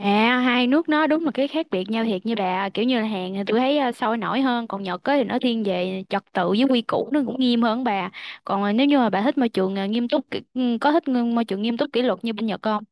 À, hai nước nó đúng là cái khác biệt nhau thiệt như bà, kiểu như là Hàn thì tôi thấy sôi nổi hơn, còn Nhật á thì nó thiên về trật tự với quy củ, nó cũng nghiêm hơn bà. Còn nếu như mà bà thích môi trường nghiêm túc có thích môi trường nghiêm túc kỷ luật như bên Nhật không?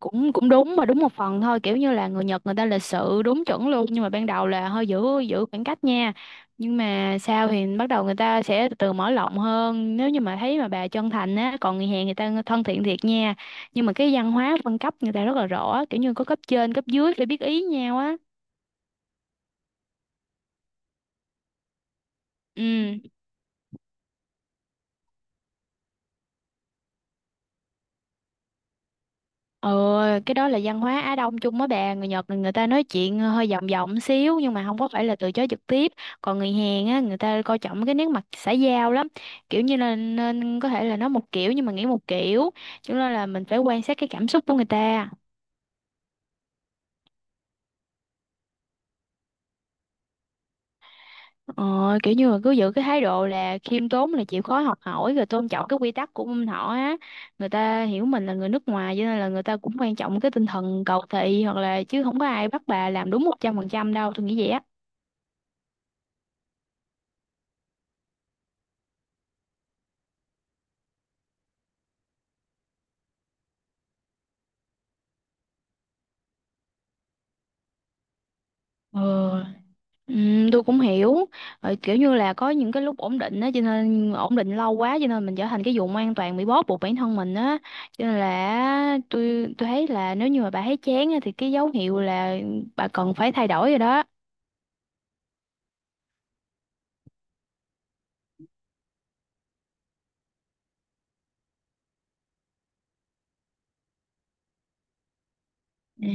Cũng cũng đúng mà đúng một phần thôi, kiểu như là người Nhật người ta lịch sự đúng chuẩn luôn, nhưng mà ban đầu là hơi giữ giữ khoảng cách nha. Nhưng mà sau thì bắt đầu người ta sẽ từ từ mở rộng hơn nếu như mà thấy mà bà chân thành á. Còn người Hàn người ta thân thiện thiệt nha, nhưng mà cái văn hóa phân cấp người ta rất là rõ, kiểu như có cấp trên cấp dưới phải biết ý nhau á. Ừ. Ờ, cái đó là văn hóa Á Đông chung á bà, người Nhật là người ta nói chuyện hơi vòng vòng xíu nhưng mà không có phải là từ chối trực tiếp. Còn người Hàn á người ta coi trọng cái nét mặt xã giao lắm, kiểu như là nên có thể là nói một kiểu nhưng mà nghĩ một kiểu, cho nên là mình phải quan sát cái cảm xúc của người ta. Ờ, kiểu như là cứ giữ cái thái độ là khiêm tốn, là chịu khó học hỏi rồi tôn trọng cái quy tắc của bên họ á. Người ta hiểu mình là người nước ngoài, cho nên là người ta cũng quan trọng cái tinh thần cầu thị, hoặc là chứ không có ai bắt bà làm đúng 100% đâu, tôi nghĩ vậy á. Ờ. Ừ, tôi cũng hiểu. Ờ, kiểu như là có những cái lúc ổn định á, cho nên ổn định lâu quá cho nên mình trở thành cái vùng an toàn, bị bó buộc bản thân mình á, cho nên là tôi thấy là nếu như mà bà thấy chán á, thì cái dấu hiệu là bà cần phải thay đổi rồi đó. Ừ.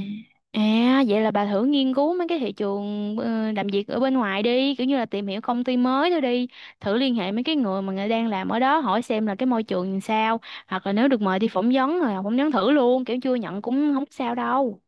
À vậy là bà thử nghiên cứu mấy cái thị trường làm việc ở bên ngoài đi, kiểu như là tìm hiểu công ty mới thôi đi, thử liên hệ mấy cái người mà người đang làm ở đó hỏi xem là cái môi trường làm sao, hoặc là nếu được mời đi phỏng vấn rồi phỏng vấn thử luôn, kiểu chưa nhận cũng không sao đâu.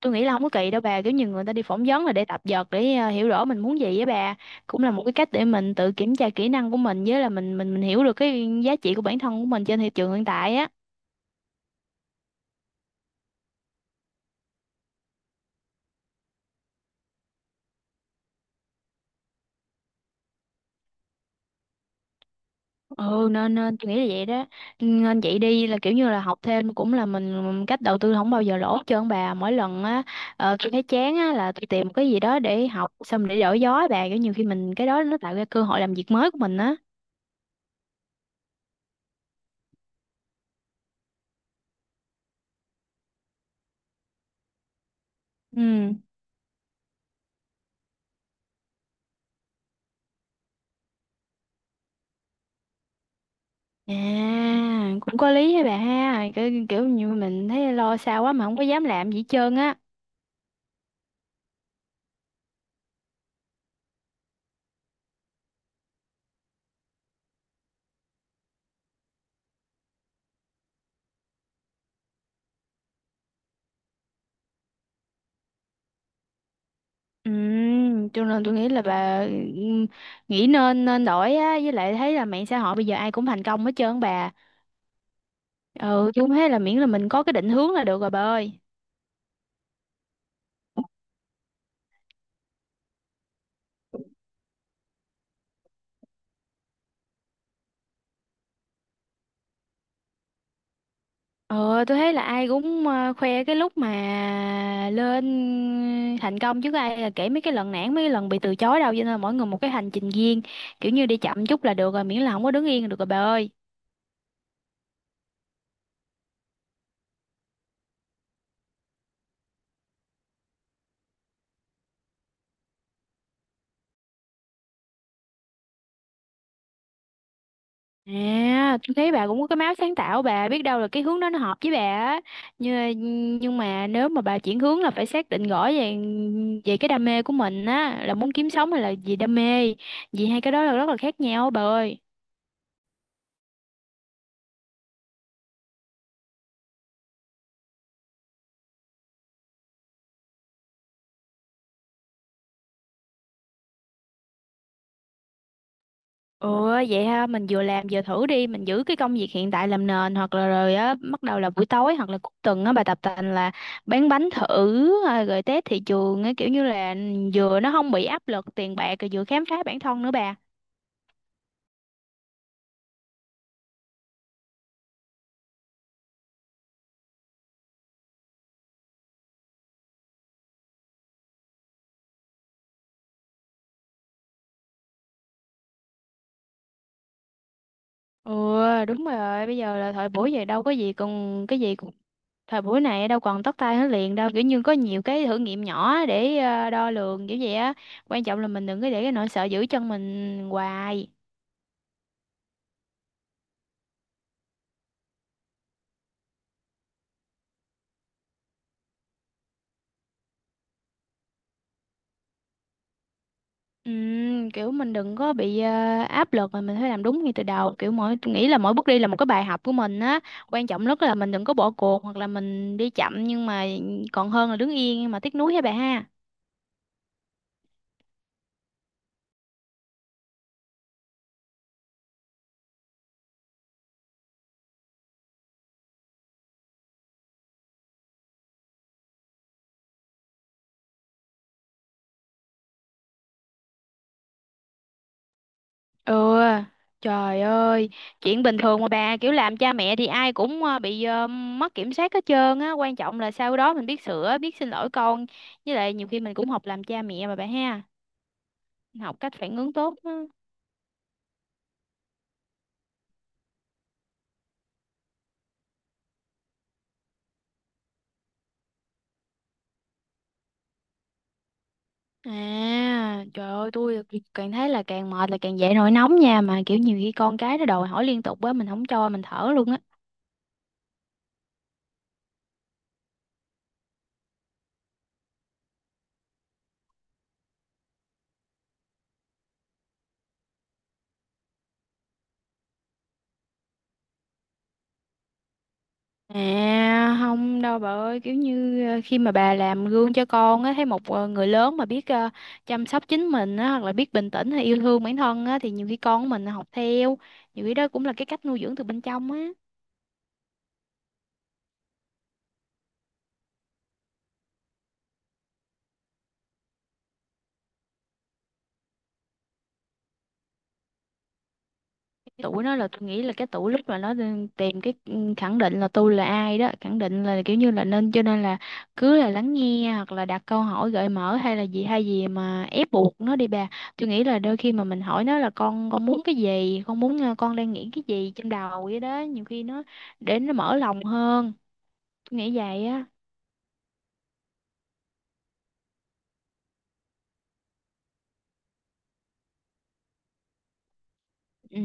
Tôi nghĩ là không có kỳ đâu bà, kiểu như người ta đi phỏng vấn là để tập dượt, để hiểu rõ mình muốn gì á bà. Cũng là một cái cách để mình tự kiểm tra kỹ năng của mình, với là mình hiểu được cái giá trị của bản thân của mình trên thị trường hiện tại á. Ừ nên nên tôi nghĩ là vậy đó, nên chị đi là kiểu như là học thêm cũng là mình cách đầu tư không bao giờ lỗ hết trơn bà. Mỗi lần á tôi thấy chán á là tôi tìm một cái gì đó để học, xong để đổi gió á bà, kiểu nhiều khi mình cái đó nó tạo ra cơ hội làm việc mới của mình á. Ừ. À, cũng có lý hả bà ha, kiểu, kiểu như mình thấy lo xa quá mà không có dám làm gì hết trơn á. Ừ, cho nên tôi nghĩ là bà ừm, nghĩ nên nên đổi á, với lại thấy là mạng xã hội bây giờ ai cũng thành công hết trơn bà. Ừ, tôi cũng thấy là miễn là mình có cái định hướng là được rồi bà ơi. Ừ, tôi thấy là ai cũng khoe cái lúc mà lên thành công, chứ có ai là kể mấy cái lần nản, mấy cái lần bị từ chối đâu, cho nên là mỗi người một cái hành trình riêng, kiểu như đi chậm chút là được rồi, miễn là không có đứng yên là được rồi bà ơi. À, tôi thấy bà cũng có cái máu sáng tạo, bà biết đâu là cái hướng đó nó hợp với bà á. Nhưng mà nếu mà bà chuyển hướng là phải xác định rõ về về cái đam mê của mình á, là muốn kiếm sống hay là vì đam mê. Vì hai cái đó là rất là khác nhau bà ơi. Ừ vậy ha, mình vừa làm vừa thử đi, mình giữ cái công việc hiện tại làm nền, hoặc là rồi á bắt đầu là buổi tối hoặc là cuối tuần á bà, tập tành là bán bánh thử à, rồi test thị trường á, kiểu như là vừa nó không bị áp lực tiền bạc rồi vừa khám phá bản thân nữa bà. Ừ đúng rồi, bây giờ là thời buổi vậy đâu có gì, còn cái gì cũng thời buổi này đâu còn tóc tai hết liền đâu, kiểu như có nhiều cái thử nghiệm nhỏ để đo lường kiểu vậy á, quan trọng là mình đừng có để cái nỗi sợ giữ chân mình hoài. Kiểu mình đừng có bị áp lực mà mình phải làm đúng ngay từ đầu, kiểu mỗi tôi nghĩ là mỗi bước đi là một cái bài học của mình á, quan trọng nhất là mình đừng có bỏ cuộc, hoặc là mình đi chậm nhưng mà còn hơn là đứng yên mà tiếc nuối, hả bà ha. Ừ, trời ơi, chuyện bình thường mà bà, kiểu làm cha mẹ thì ai cũng bị mất kiểm soát hết trơn á, quan trọng là sau đó mình biết sửa, biết xin lỗi con, với lại nhiều khi mình cũng học làm cha mẹ mà bà ha, học cách phản ứng tốt á. À, trời ơi, tôi càng thấy là càng mệt là càng dậy nổi nóng nha, mà kiểu nhiều khi con cái nó đòi hỏi liên tục á, mình không cho, mình thở luôn á. À không đâu bà ơi, kiểu như khi mà bà làm gương cho con á, thấy một người lớn mà biết chăm sóc chính mình á, hoặc là biết bình tĩnh hay yêu thương bản thân á, thì nhiều khi con của mình học theo, nhiều khi đó cũng là cái cách nuôi dưỡng từ bên trong á. Tuổi nó là tôi nghĩ là cái tuổi lúc mà nó đang tìm cái khẳng định là tôi là ai đó, khẳng định là kiểu như là nên cho nên là cứ là lắng nghe, hoặc là đặt câu hỏi gợi mở, hay là gì hay gì mà ép buộc nó đi bà. Tôi nghĩ là đôi khi mà mình hỏi nó là con muốn cái gì, con muốn con đang nghĩ cái gì trong đầu vậy đó, nhiều khi nó để nó mở lòng hơn, tôi nghĩ vậy á. Ừ,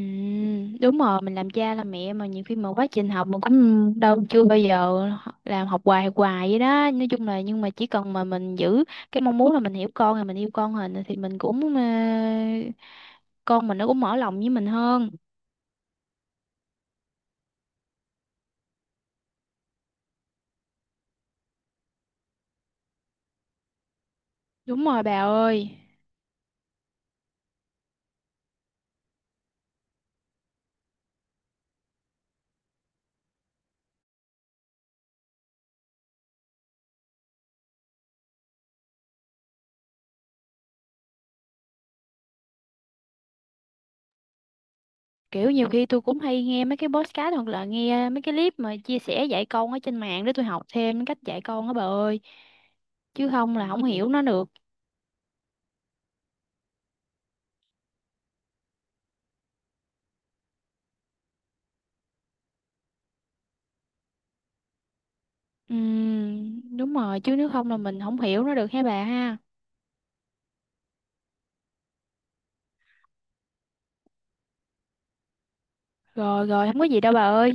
đúng rồi, mình làm cha làm mẹ mà nhiều khi mà quá trình học mình cũng đâu chưa bao giờ làm, học hoài hoài vậy đó nói chung là, nhưng mà chỉ cần mà mình giữ cái mong muốn là mình hiểu con rồi mình yêu con rồi thì mình cũng con mình nó cũng mở lòng với mình hơn. Đúng rồi bà ơi. Kiểu nhiều khi tôi cũng hay nghe mấy cái podcast, hoặc là nghe mấy cái clip mà chia sẻ dạy con ở trên mạng để tôi học thêm cách dạy con á bà ơi, chứ không là không hiểu nó được. Ừ, đúng rồi, chứ nếu không là mình không hiểu nó được hả bà ha. Rồi rồi, không có gì đâu bà ơi.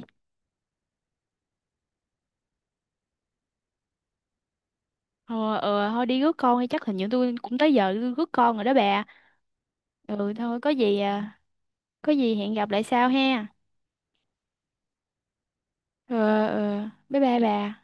Ờ ờ thôi đi rước con đi, chắc hình như tôi cũng tới giờ tôi rước con rồi đó bà. Ừ thôi có gì à, có gì hẹn gặp lại sau ha. Ờ ờ bye bye bà.